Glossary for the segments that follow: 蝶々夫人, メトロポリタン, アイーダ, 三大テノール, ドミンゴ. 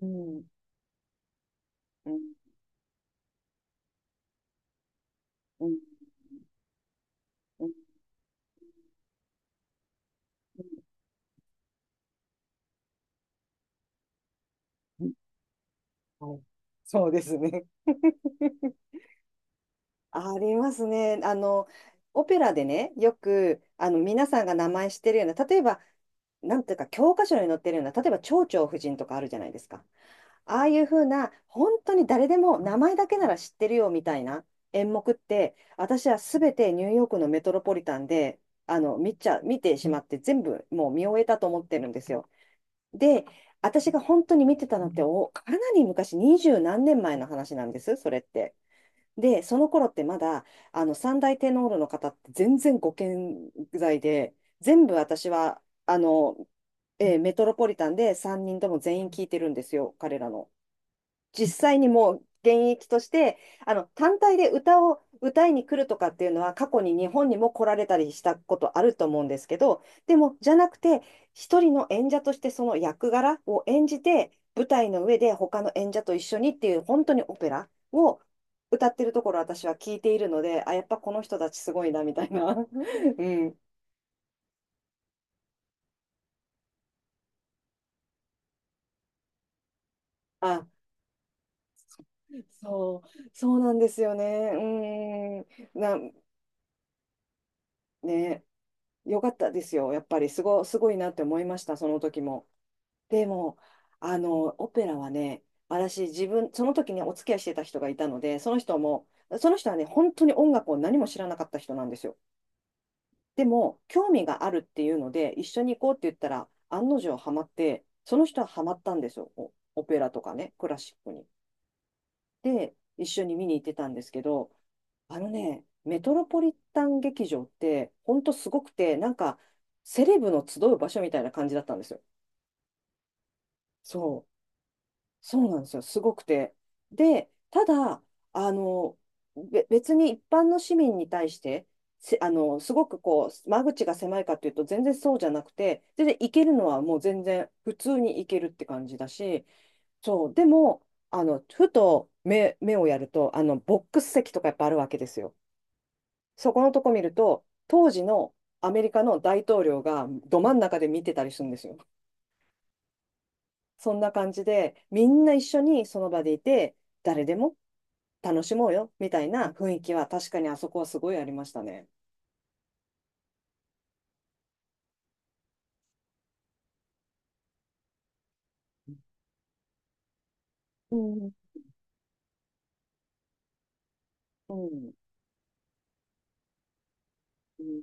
うん、うん、うん、うん、うん、はい。そうですね。ありますね。オペラでね、よく、皆さんが名前知ってるような、例えば、なんていうか、教科書に載ってるような、例えば、蝶々夫人とかあるじゃないですか。ああいうふうな、本当に誰でも名前だけなら知ってるよみたいな演目って、私はすべてニューヨークのメトロポリタンで、見ちゃ、見てしまって、全部もう見終えたと思ってるんですよ。で、私が本当に見てたのってかなり昔、二十何年前の話なんです、それって。で、その頃ってまだ、三大テノールの方って全然ご健在で、全部私は、メトロポリタンで3人とも全員聞いてるんですよ、彼らの。実際にもう現役として、単体で歌を歌いに来るとかっていうのは、過去に日本にも来られたりしたことあると思うんですけど、でも、じゃなくて、一人の演者としてその役柄を演じて、舞台の上で他の演者と一緒にっていう、本当にオペラを歌ってるところ私は聞いているので、あ、やっぱこの人たちすごいな、みたいな。うん。あ、そう、そうなんですよね。うーん。ね。よかったですよ。やっぱりすごいなって思いました、その時も。でも、オペラはね、私、自分、その時にお付き合いしてた人がいたので、その人も、その人はね、本当に音楽を何も知らなかった人なんですよ。でも、興味があるっていうので、一緒に行こうって言ったら、案の定ハマって、その人はハマったんですよ。オペラとかね、クラシックに。で、一緒に見に行ってたんですけど、メトロポリタン劇場って、ほんとすごくて、なんか、セレブの集う場所みたいな感じだったんですよ。そう、そうなんですよ。すごくて。で、ただ、あの、別に一般の市民に対して、せあの、すごくこう、間口が狭いかっていうと、全然そうじゃなくて、全然行けるのはもう全然普通に行けるって感じだし、そう、でも、ふと目をやると、ボックス席とかやっぱあるわけですよ。そこのとこ見ると、当時のアメリカの大統領がど真ん中で見てたりするんですよ。そんな感じで、みんな一緒にその場でいて、誰でも楽しもうよみたいな雰囲気は確かにあそこはすごいありましたね。うん。うん、うん、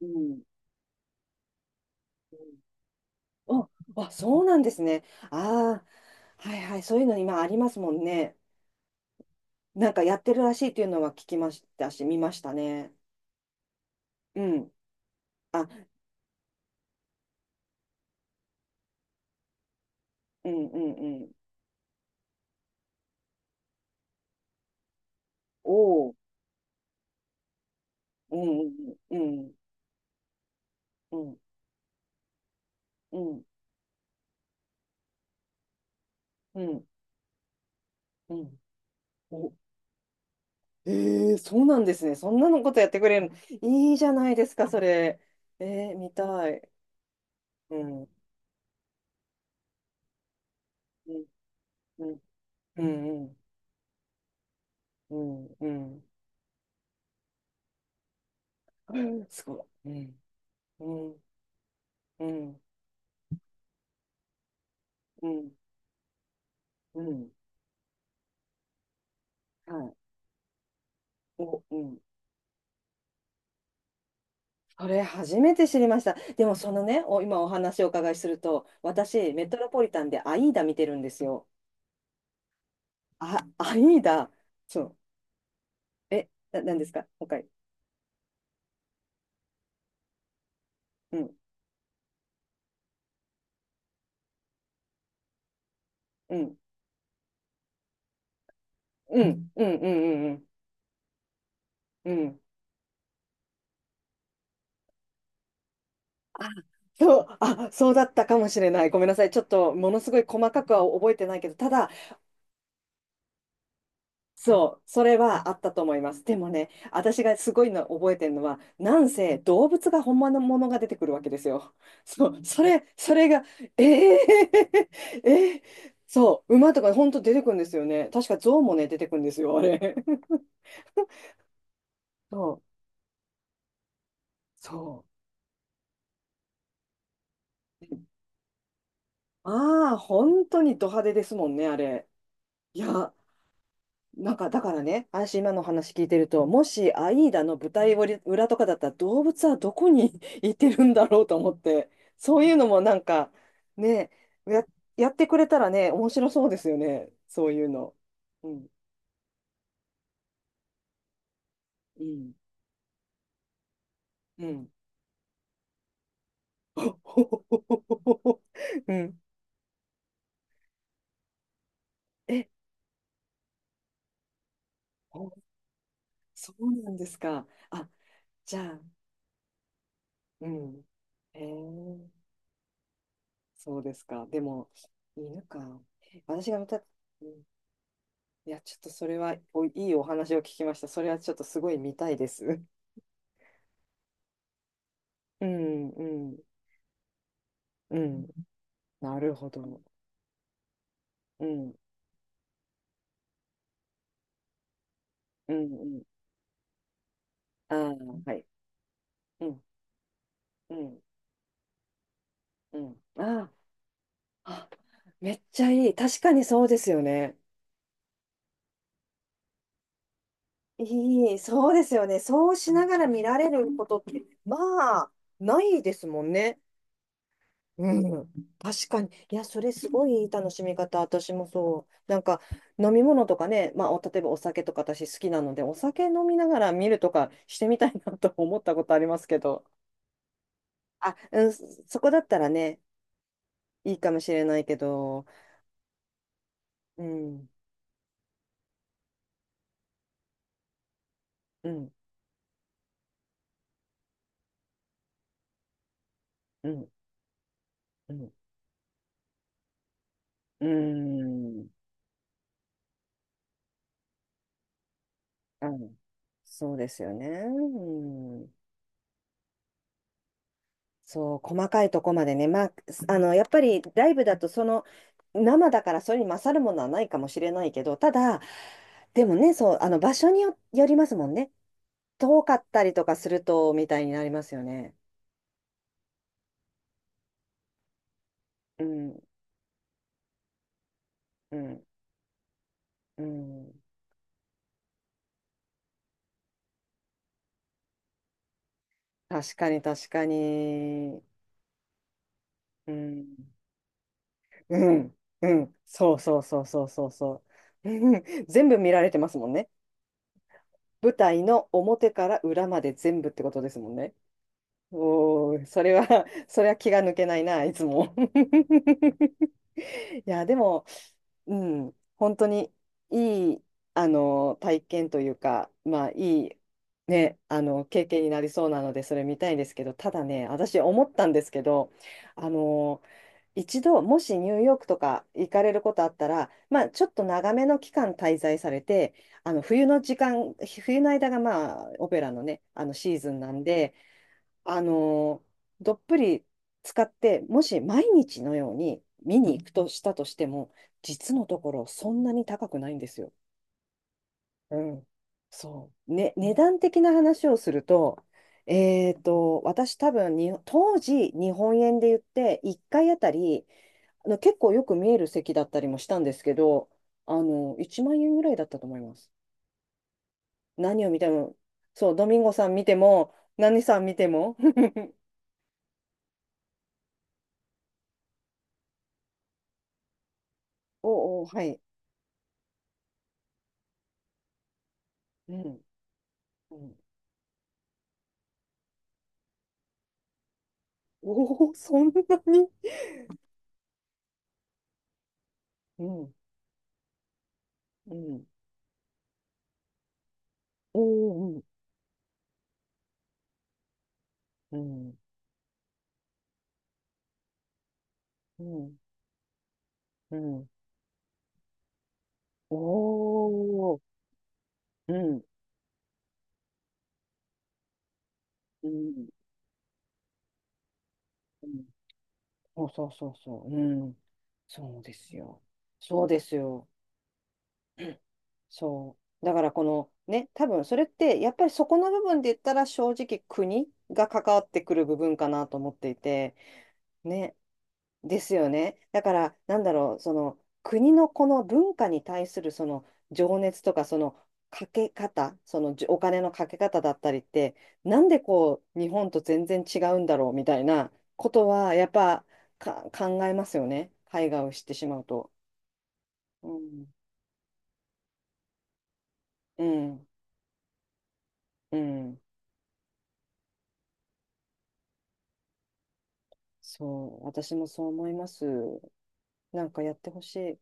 うん、あ、あ、そうなんですね。ああ、はいはい、そういうの今ありますもんね。なんかやってるらしいというのは聞きましたし、見ましたね。うん。あ、うん、うん、うん。おお。うん、うん、うん、うん、うん、うん、お、ええ、そうなんですね。そんなのことやってくれるの。いいじゃないですか、それ。ええ、見たい。うん、うん、うん、うん、うん、うん。うん、すごい。うん、うん、うん、うん、うん。はい。うん。それ初めて知りました。でも今お話をお伺いすると、私、メトロポリタンでアイーダ見てるんですよ。あ、アイーダ。そう。え、なんですか、他。うん、うん、うん、うん、うん、うん、うん。うん、あ、そう、あ、そうだったかもしれない。ごめんなさい。ちょっと、ものすごい細かくは覚えてないけど、ただ、そう、それはあったと思います。でもね、私がすごいの覚えてるのは、なんせ動物が本物のものが出てくるわけですよ。そう、それ、それが、えー、そう、馬とか本当出てくるんですよね。確か象もね、出てくるんですよ、あれ。そう、そう。ああ、本当にド派手ですもんね、あれ。いや、なんかだからね、私今の話聞いてると、もしアイーダの舞台裏とかだったら動物はどこに いてるんだろうと思って、そういうのもなんかね、や、やってくれたらね、面白そうですよね、そういうの。うん、うん、うん。うん。え、おそうなんですか。あ、じゃあ、うん。へえ、そうですか。でも、犬か。私が見た、うん、いや、ちょっとそれはいいお話を聞きました。それはちょっとすごい見たいです。うん、うん、うん。なるほど。うん、うん、うん。ああ、はい。うん、うん、うん。ああ、あ、めっちゃいい。確かにそうですよね。いい、そうですよね。そうしながら見られることって、まあ、ないですもんね。うん、確かに。いや、それすごいいい楽しみ方。私もそう。なんか、飲み物とかね、まあ、例えばお酒とか私好きなので、お酒飲みながら見るとかしてみたいなと思ったことありますけど。あ、うん、そこだったらね、いいかもしれないけど、うん、うん、うん、うん、うん、うん、そうですよね。うん、そう、細かいとこまでね、まあ、やっぱりライブだと、生だからそれに勝るものはないかもしれないけど、ただ、でもね、そう、場所よりますもんね。遠かったりとかすると、みたいになりますよね。うん、うん、うん。確かに、確かに。うん、うん、うん。そうそうそうそうそうそう。うん、全部見られてますもんね。舞台の表から裏まで全部ってことですもんね。おー、それは、それは気が抜けないな、いつも。いや、でも、うん、本当にいい、体験というか、まあ、いい、ね、経験になりそうなので、それ見たいんですけど、ただね、私思ったんですけど、あの、一度、もしニューヨークとか行かれることあったら、まあ、ちょっと長めの期間滞在されて、あの、冬の時間、冬の間が、まあ、オペラのね、シーズンなんで、あのどっぷり使って、もし毎日のように見に行くとしたとしても、実のところそんなに高くないんですよ。うん。そう。ね、値段的な話をすると、私多分に、当時日本円で言って1回あたり、結構よく見える席だったりもしたんですけど、1万円ぐらいだったと思います。何を見ても、そう、ドミンゴさん見ても、何さん見ても。おうおう、はい。うん、うん、おお、そんなに、うん、うん、おー、うん、うん、うん、うん、おー、うん、うん、うん、そうそうそうそう、うん、そうですよ。そうですよ。そう。だからこのね、多分それってやっぱりそこの部分で言ったら正直国が関わってくる部分かなと思っていて、ね、ですよね。だから、なんだろう、その国のこの文化に対するその情熱とか、そのかけ方、そのじお金のかけ方だったりって、なんでこう、日本と全然違うんだろうみたいなことは、やっぱか考えますよね。海外を知ってしまうと。うん、うん、うん。そう、私もそう思います。なんかやってほしい。